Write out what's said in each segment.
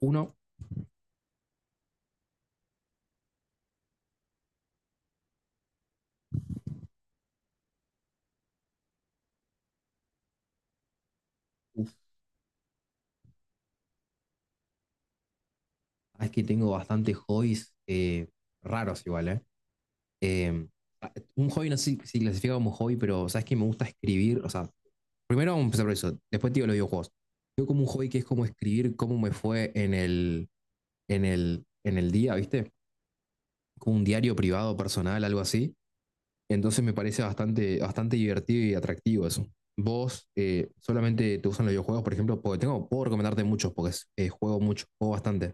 Uno, uf, es que tengo bastantes hobbies raros igual, ¿eh? Eh, un hobby no sé si clasifica como hobby, pero sabes que me gusta escribir. O sea, primero vamos a empezar por eso, después te digo los videojuegos. Yo como un hobby que es como escribir cómo me fue en en el día, ¿viste? Como un diario privado, personal, algo así. Entonces me parece bastante, bastante divertido y atractivo eso. ¿Vos solamente te usan los videojuegos, por ejemplo? Porque tengo, puedo recomendarte muchos, porque juego mucho, juego bastante.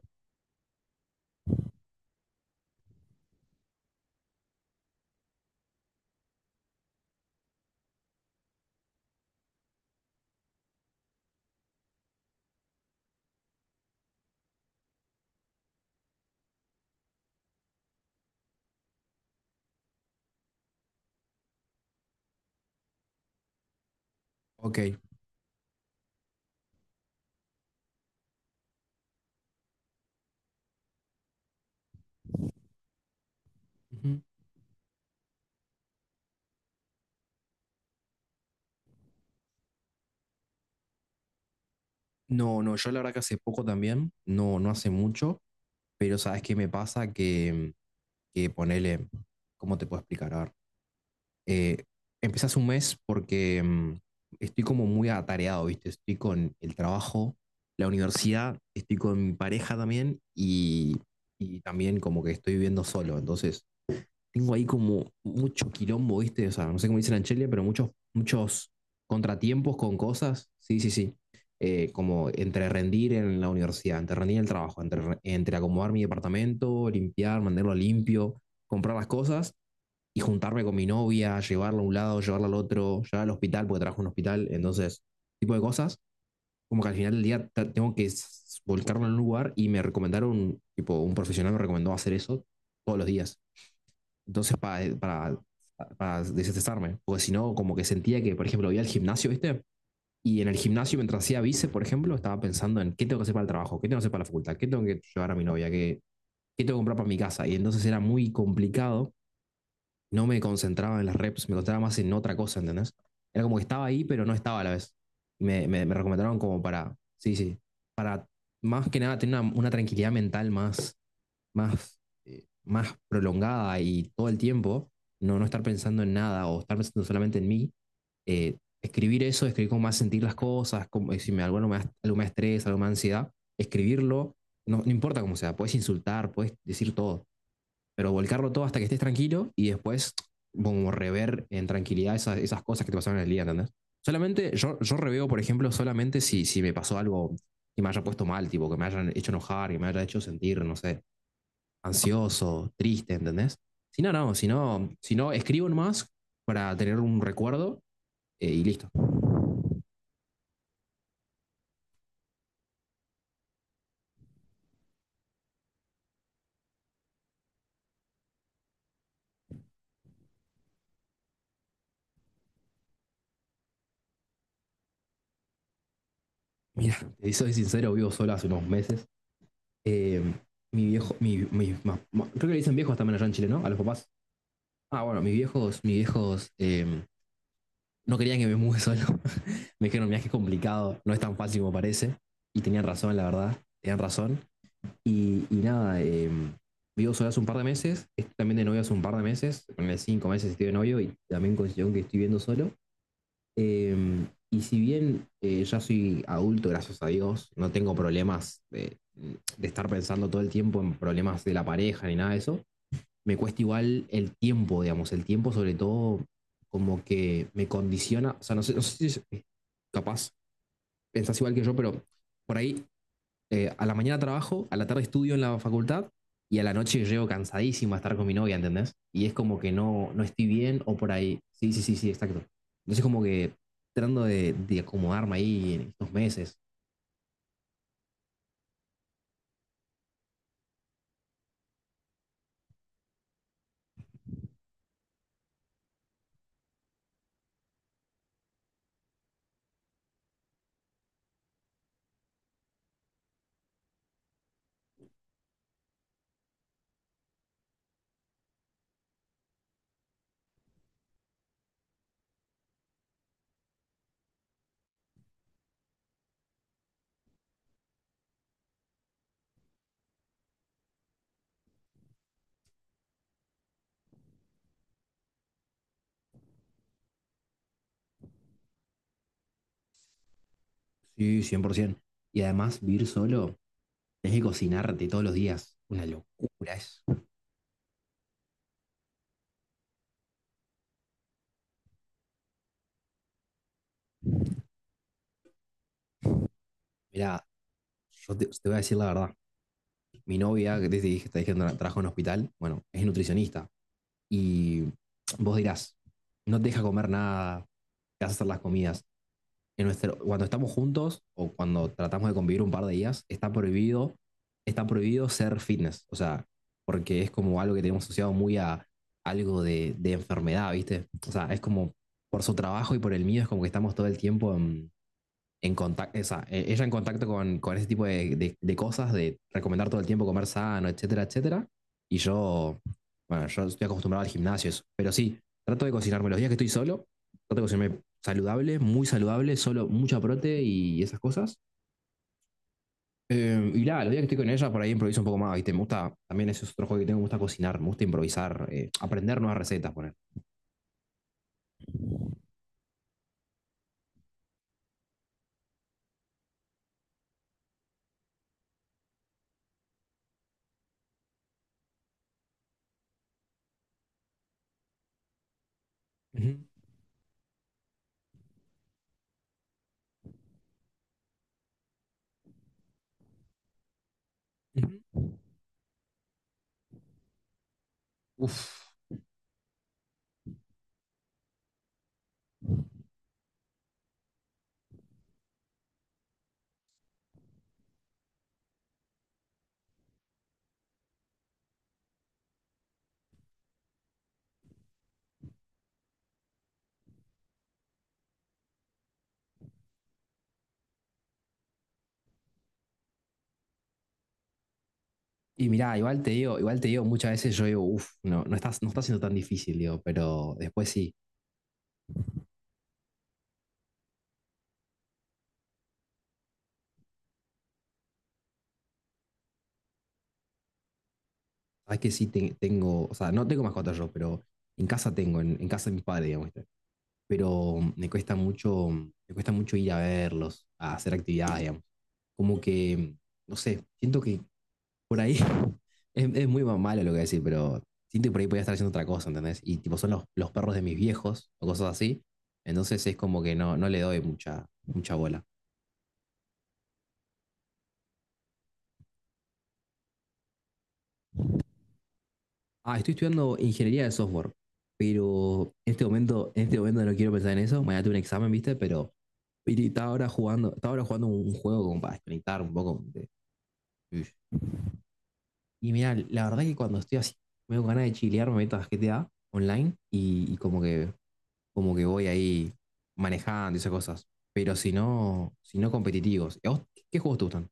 Ok. Ujú. No, no, yo la verdad que hace poco también, no, no hace mucho, pero ¿sabes qué me pasa? Que ponele, ¿cómo te puedo explicar? A ver, eh, empecé hace un mes porque estoy como muy atareado, ¿viste? Estoy con el trabajo, la universidad, estoy con mi pareja también, y también como que estoy viviendo solo. Entonces tengo ahí como mucho quilombo, ¿viste? O sea, no sé cómo dicen en Chile, pero muchos contratiempos con cosas. Sí, sí, sí. Como entre rendir en la universidad, entre rendir en el trabajo, entre acomodar mi departamento, limpiar, mantenerlo limpio, comprar las cosas y juntarme con mi novia, llevarla a un lado, llevarla al otro, llevarla al hospital porque trabajo en un hospital. Entonces, tipo de cosas. Como que al final del día tengo que volcarlo en un lugar y me recomendaron, tipo, un profesional me recomendó hacer eso todos los días. Entonces, para desestresarme. Porque si no, como que sentía que, por ejemplo, voy al gimnasio, ¿viste? Y en el gimnasio, mientras hacía vice, por ejemplo, estaba pensando en qué tengo que hacer para el trabajo, qué tengo que hacer para la facultad, qué tengo que llevar a mi novia, qué tengo que comprar para mi casa. Y entonces era muy complicado. No me concentraba en las reps, me concentraba más en otra cosa, ¿entendés? Era como que estaba ahí, pero no estaba a la vez. Me recomendaron como para, sí, sí, para más que nada tener una tranquilidad mental más, más prolongada y todo el tiempo, no, no estar pensando en nada o estar pensando solamente en mí. Escribir eso, escribir cómo me hace sentir las cosas, cómo, si me, algo me da estrés, algo me da ansiedad, escribirlo. No, no importa cómo sea, puedes insultar, puedes decir todo, pero volcarlo todo hasta que estés tranquilo y después como rever en tranquilidad esas cosas que te pasaron en el día, ¿entendés? Solamente, yo reveo, por ejemplo, solamente si me pasó algo que me haya puesto mal, tipo, que me hayan hecho enojar, que me haya hecho sentir, no sé, ansioso, triste, ¿entendés? Si no, si no, si no escribo nomás para tener un recuerdo y listo. Mira, te soy sincero, vivo solo hace unos meses. Eh, mi viejo, creo que le dicen viejos también allá en Chile, ¿no? A los papás. Ah, bueno, mis viejos no querían que me mude solo. Me dijeron, mira, que es complicado, no es tan fácil como parece. Y tenían razón, la verdad, tenían razón. Nada, vivo solo hace un par de meses, estoy también de novio hace un par de meses, ponele cinco meses estoy de novio y también considero que estoy viviendo solo. Y si bien ya soy adulto, gracias a Dios, no tengo problemas de estar pensando todo el tiempo en problemas de la pareja ni nada de eso. Me cuesta igual el tiempo, digamos, el tiempo sobre todo como que me condiciona. O sea, no sé, no sé si es- capaz pensás igual que yo, pero por ahí a la mañana trabajo, a la tarde estudio en la facultad y a la noche llego cansadísimo a estar con mi novia, ¿entendés? Y es como que no, no estoy bien o por ahí. Sí, sí, sí, sí, exacto. Entonces como que tratando de acomodarme ahí en estos meses. Sí, 100%. Y además vivir solo, tenés que cocinarte todos los días. Una locura es. Mira, yo te voy a decir la verdad. Mi novia, que te dije que trabaja en un hospital, bueno, es nutricionista. Y vos dirás, no te deja comer nada, te hace hacer las comidas. Cuando estamos juntos o cuando tratamos de convivir un par de días, está prohibido ser fitness. O sea, porque es como algo que tenemos asociado muy a algo de enfermedad, ¿viste? O sea, es como por su trabajo y por el mío, es como que estamos todo el tiempo en contacto, esa, ella en contacto con ese tipo de, de cosas, de recomendar todo el tiempo comer sano, etcétera, etcétera. Y yo, bueno, yo estoy acostumbrado al gimnasio, eso. Pero sí, trato de cocinarme los días que estoy solo, trato de cocinarme saludable, muy saludable, solo mucha prote y esas cosas. Y nada, los días que estoy con ella, por ahí improviso un poco más, ¿viste? Me gusta, también ese es otro juego que tengo, me gusta cocinar, me gusta improvisar, aprender nuevas recetas, poner. Ujú, ujú. Uf, Y mirá, igual te digo, muchas veces yo digo, no, no estás, no está siendo tan difícil, digo, pero después sí. Sabes que sí tengo. O sea, no tengo mascota yo, pero en casa tengo, en casa de mis padres, digamos. ¿Viste? Pero me cuesta mucho ir a verlos, a hacer actividades, digamos. Como que, no sé, siento que por ahí es muy malo lo que voy a decir, pero siento que por ahí podría estar haciendo otra cosa, ¿entendés? Y tipo, son los perros de mis viejos o cosas así. Entonces es como que no, no le doy mucha, mucha bola. Ah, estoy estudiando ingeniería de software, pero en este momento no quiero pensar en eso. Mañana tengo un examen, ¿viste? Pero y estaba ahora jugando un juego como para desconectar un poco. Ush. Y mira, la verdad que cuando estoy así, me con ganas de chilear, me meto a GTA online y como que voy ahí manejando y esas cosas. Pero si no, si no competitivos. ¿Y a vos qué juegos te gustan?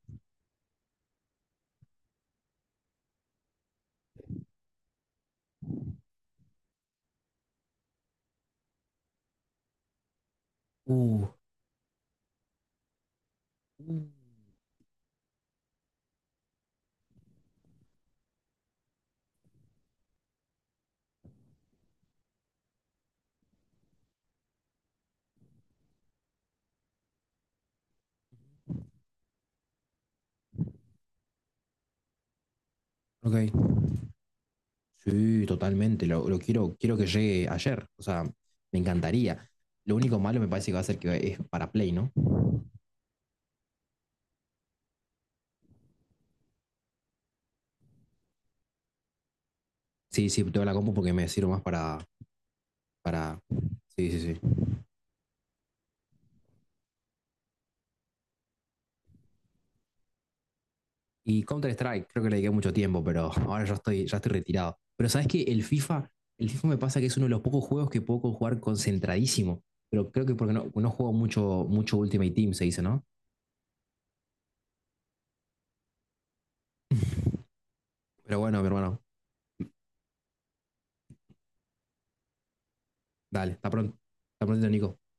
Uh, uh, ok. Sí, totalmente. Lo quiero, quiero que llegue ayer. O sea, me encantaría. Lo único malo me parece que va a ser que es para Play, ¿no? Sí, sí, tengo la compu porque me sirve más para. Sí, sí, sí. Y Counter-Strike, creo que le dediqué mucho tiempo, pero ahora ya estoy retirado. Pero ¿sabes que el FIFA me pasa que es uno de los pocos juegos que puedo jugar concentradísimo? Pero creo que porque no, no juego mucho, mucho Ultimate Team, se dice, ¿no? Pero bueno, mi hermano, dale, está pronto. Está pronto, Nico.